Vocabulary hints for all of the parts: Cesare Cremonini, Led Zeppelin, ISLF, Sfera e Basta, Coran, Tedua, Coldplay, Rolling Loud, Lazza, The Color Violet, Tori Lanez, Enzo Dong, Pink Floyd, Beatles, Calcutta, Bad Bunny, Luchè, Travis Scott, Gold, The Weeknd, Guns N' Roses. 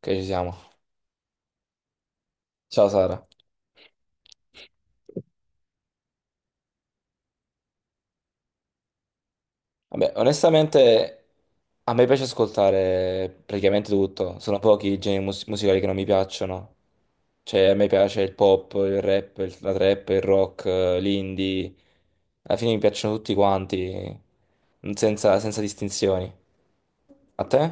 Ok, ci siamo. Ciao Sara. Vabbè, onestamente a me piace ascoltare praticamente tutto. Sono pochi i generi musicali che non mi piacciono. Cioè, a me piace il pop, il rap, la trap, il rock, l'indie. Alla fine mi piacciono tutti quanti, senza distinzioni. A te?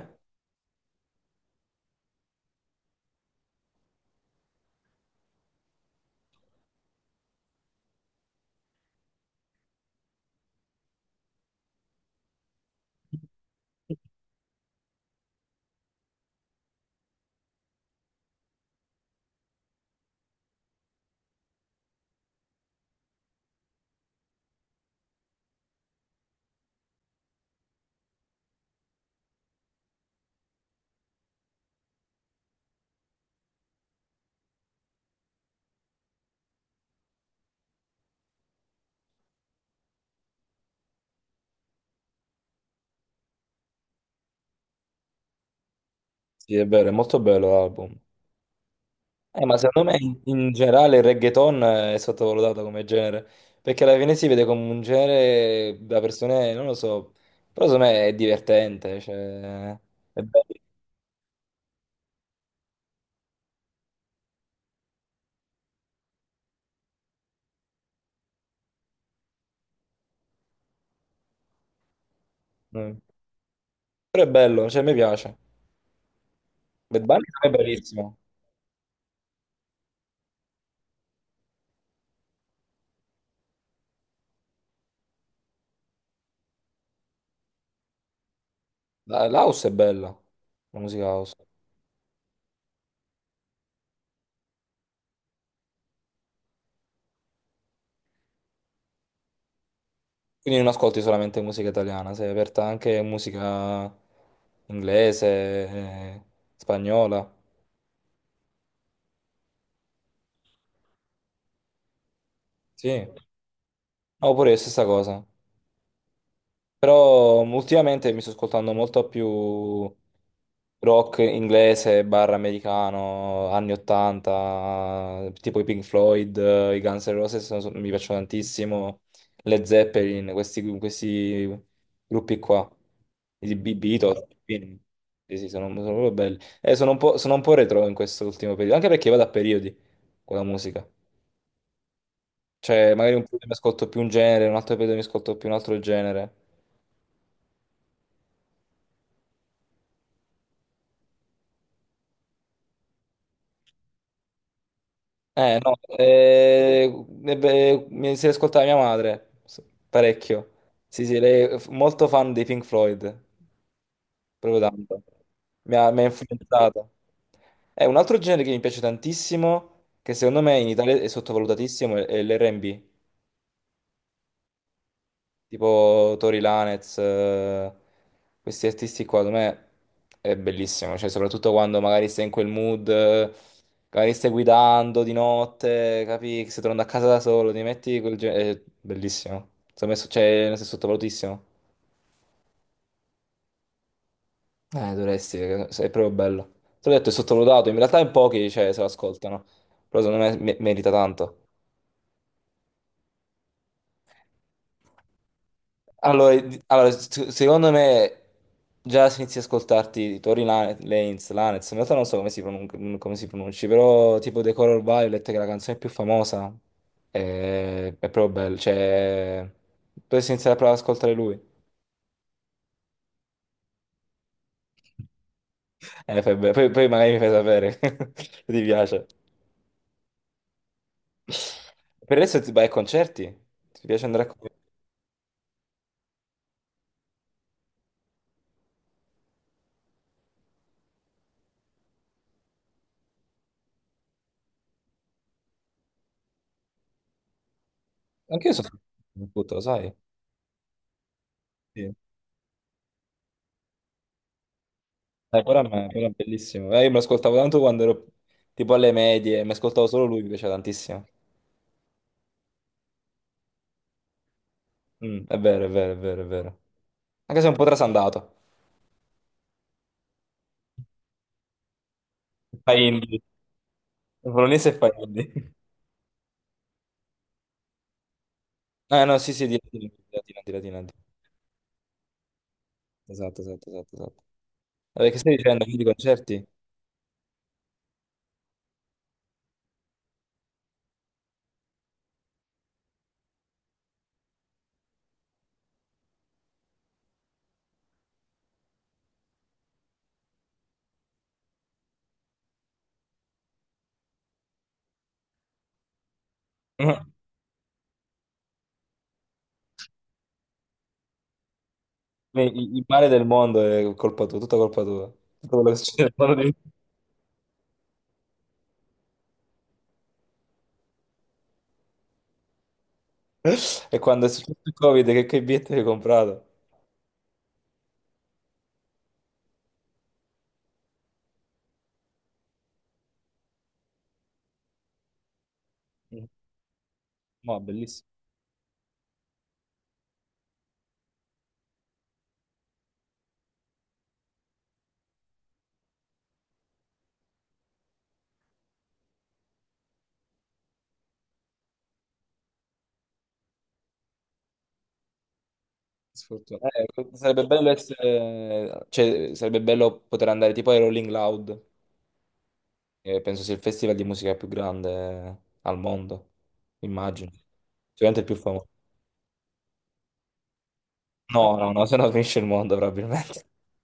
Sì, è vero, è molto bello l'album. Ma secondo me in generale il reggaeton è sottovalutato come genere, perché alla fine si vede come un genere da persone, non lo so, però secondo me è divertente, cioè, è bello. Mm. Però è bello, cioè, mi piace. Bad Bunny è bellissimo. L'house è bella, la musica house. Quindi non ascolti solamente musica italiana, sei aperta anche a musica inglese, eh, spagnola, sì. No, pure è la stessa cosa. Però ultimamente mi sto ascoltando molto più rock inglese, barra americano, anni 80, tipo i Pink Floyd, i Guns N' Roses mi piacciono tantissimo, Led Zeppelin, questi gruppi qua, i Beatles, sì, sì, sono proprio belli. E sono un po' retro in questo ultimo periodo, anche perché vado a periodi con la musica. Cioè, magari un periodo mi ascolto più un genere, un altro periodo mi ascolto più un altro genere. No, beh, mi si ascoltava mia madre, parecchio. Sì, sì, lei è molto fan dei Pink Floyd, proprio tanto. Mi ha influenzato. È un altro genere che mi piace tantissimo, che secondo me in Italia è sottovalutatissimo, è l'R&B. Tipo Tori Lanez, questi artisti qua, secondo me è bellissimo, cioè soprattutto quando magari sei in quel mood, magari stai guidando di notte, capi che stai tornando a casa da solo, ti metti quel genere, è bellissimo, secondo me cioè, nel senso, è sottovalutissimo. Dovresti, perché è proprio bello, te l'ho detto è sottovalutato, in realtà in pochi cioè, se lo ascoltano, però secondo me merita tanto. Allora, allora, secondo me già si inizia a ascoltarti Tori Lanez, in realtà non so come si pronunci, però tipo The Color Violet, che è la canzone più famosa. È proprio bello, cioè dovresti iniziare a provare ad ascoltare lui. Fai bene. Poi magari mi fai sapere se ti piace. Per adesso ti vai ai concerti? Ti piace andare a concerti? Anche io sono tutto, lo sai? Sì. Coran è bellissimo. Io me lo ascoltavo tanto quando ero tipo alle medie, mi ascoltavo solo lui, mi piaceva tantissimo. È vero, è vero, è vero, è vero. Anche se è un po' trasandato. Fa indie. Il Bolognese fa indie. Ah, no, sì, sì, di Latina, di Latina, di Latina. Esatto, esatto, esatto, esatto. Vabbè, che stai dicendo? Quindi concerti? Il male del mondo è colpa tua, tutta colpa tua. Tutto quello che succede nel mondo. E quando è successo il Covid, che biglietti hai comprato? Mm. No, bellissimo. Sfortunato. Sarebbe bello poter andare tipo ai Rolling Loud, che penso sia il festival di musica più grande al mondo, immagino. Sicuramente il più famoso. No, no, no, se no finisce il mondo probabilmente.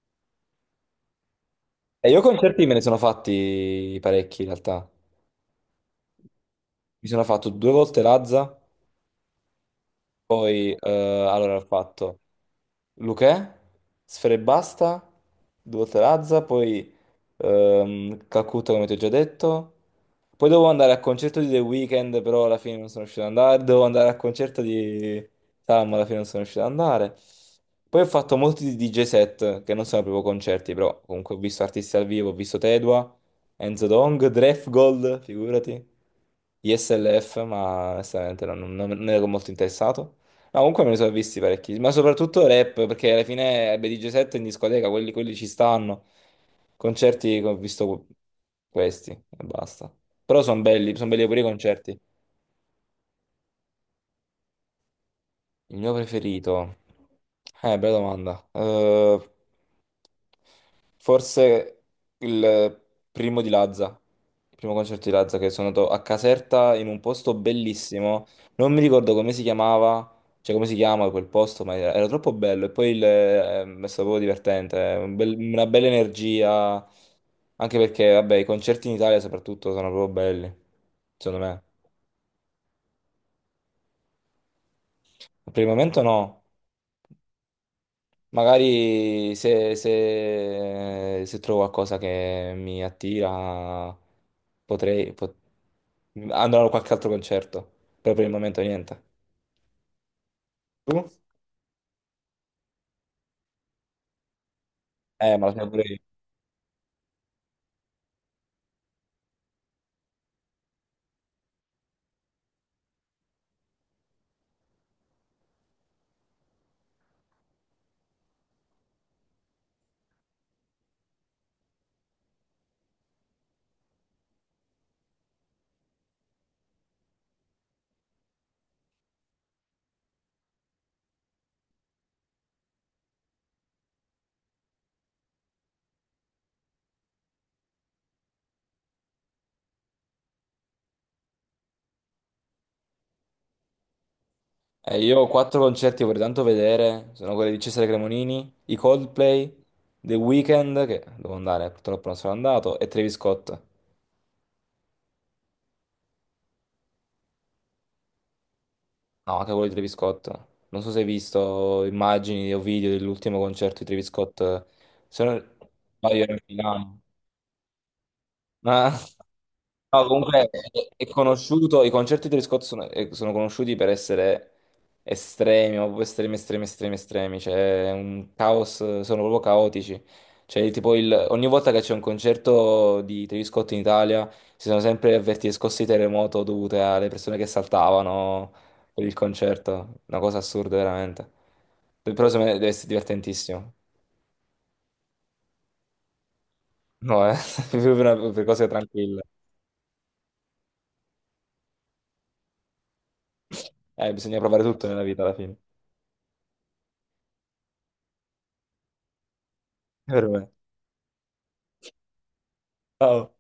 E io concerti me ne sono fatti parecchi in realtà. Mi sono fatto due volte Lazza, poi allora ho fatto Luchè, Sfera e Basta, due volte Lazza, poi Calcutta come ti ho già detto. Poi devo andare al concerto di The Weeknd, però alla fine non sono riuscito ad andare. Devo andare al concerto di Sam, alla fine non sono riuscito ad andare. Poi ho fatto molti DJ set, che non sono proprio concerti, però comunque ho visto artisti al vivo, ho visto Tedua, Enzo Dong, Gold, figurati, ISLF, ma onestamente non ero molto interessato. Ma comunque me ne sono visti parecchi, ma soprattutto rap, perché alla fine DJ set in discoteca, quelli ci stanno. Concerti che ho visto questi e basta. Però sono belli pure i concerti. Il mio preferito? Bella domanda. Forse il primo di Lazza, il primo concerto di Lazza che sono andato a Caserta in un posto bellissimo, non mi ricordo come si chiamava, cioè come si chiama quel posto, ma era troppo bello e poi è stato proprio divertente, eh. Una bella energia, anche perché vabbè i concerti in Italia soprattutto sono proprio belli, secondo me. Per il momento no. Magari se trovo qualcosa che mi attira, potrei pot- andrò a qualche altro concerto. Però per il momento niente. Tu? Ma lo sai pure io. Io ho quattro concerti che vorrei tanto vedere. Sono quelli di Cesare Cremonini, i Coldplay, The Weeknd, che devo andare, purtroppo non sono andato, e Travis Scott. No, anche quello di Travis Scott. Non so se hai visto immagini o video dell'ultimo concerto di Travis Scott. Se non sbaglio era a Milano. Ma no, comunque è conosciuto, i concerti di Travis Scott sono conosciuti per essere estremi, ma proprio estremi, estremi, estremi, estremi, cioè è un caos, sono proprio caotici. Cioè, tipo ogni volta che c'è un concerto di Travis Scott in Italia si sono sempre avvertite scosse di terremoto dovute alle persone che saltavano per il concerto, una cosa assurda veramente. Però secondo me deve essere divertentissimo. No, per cose tranquille. Bisogna provare tutto nella vita alla fine. Per me. Ciao.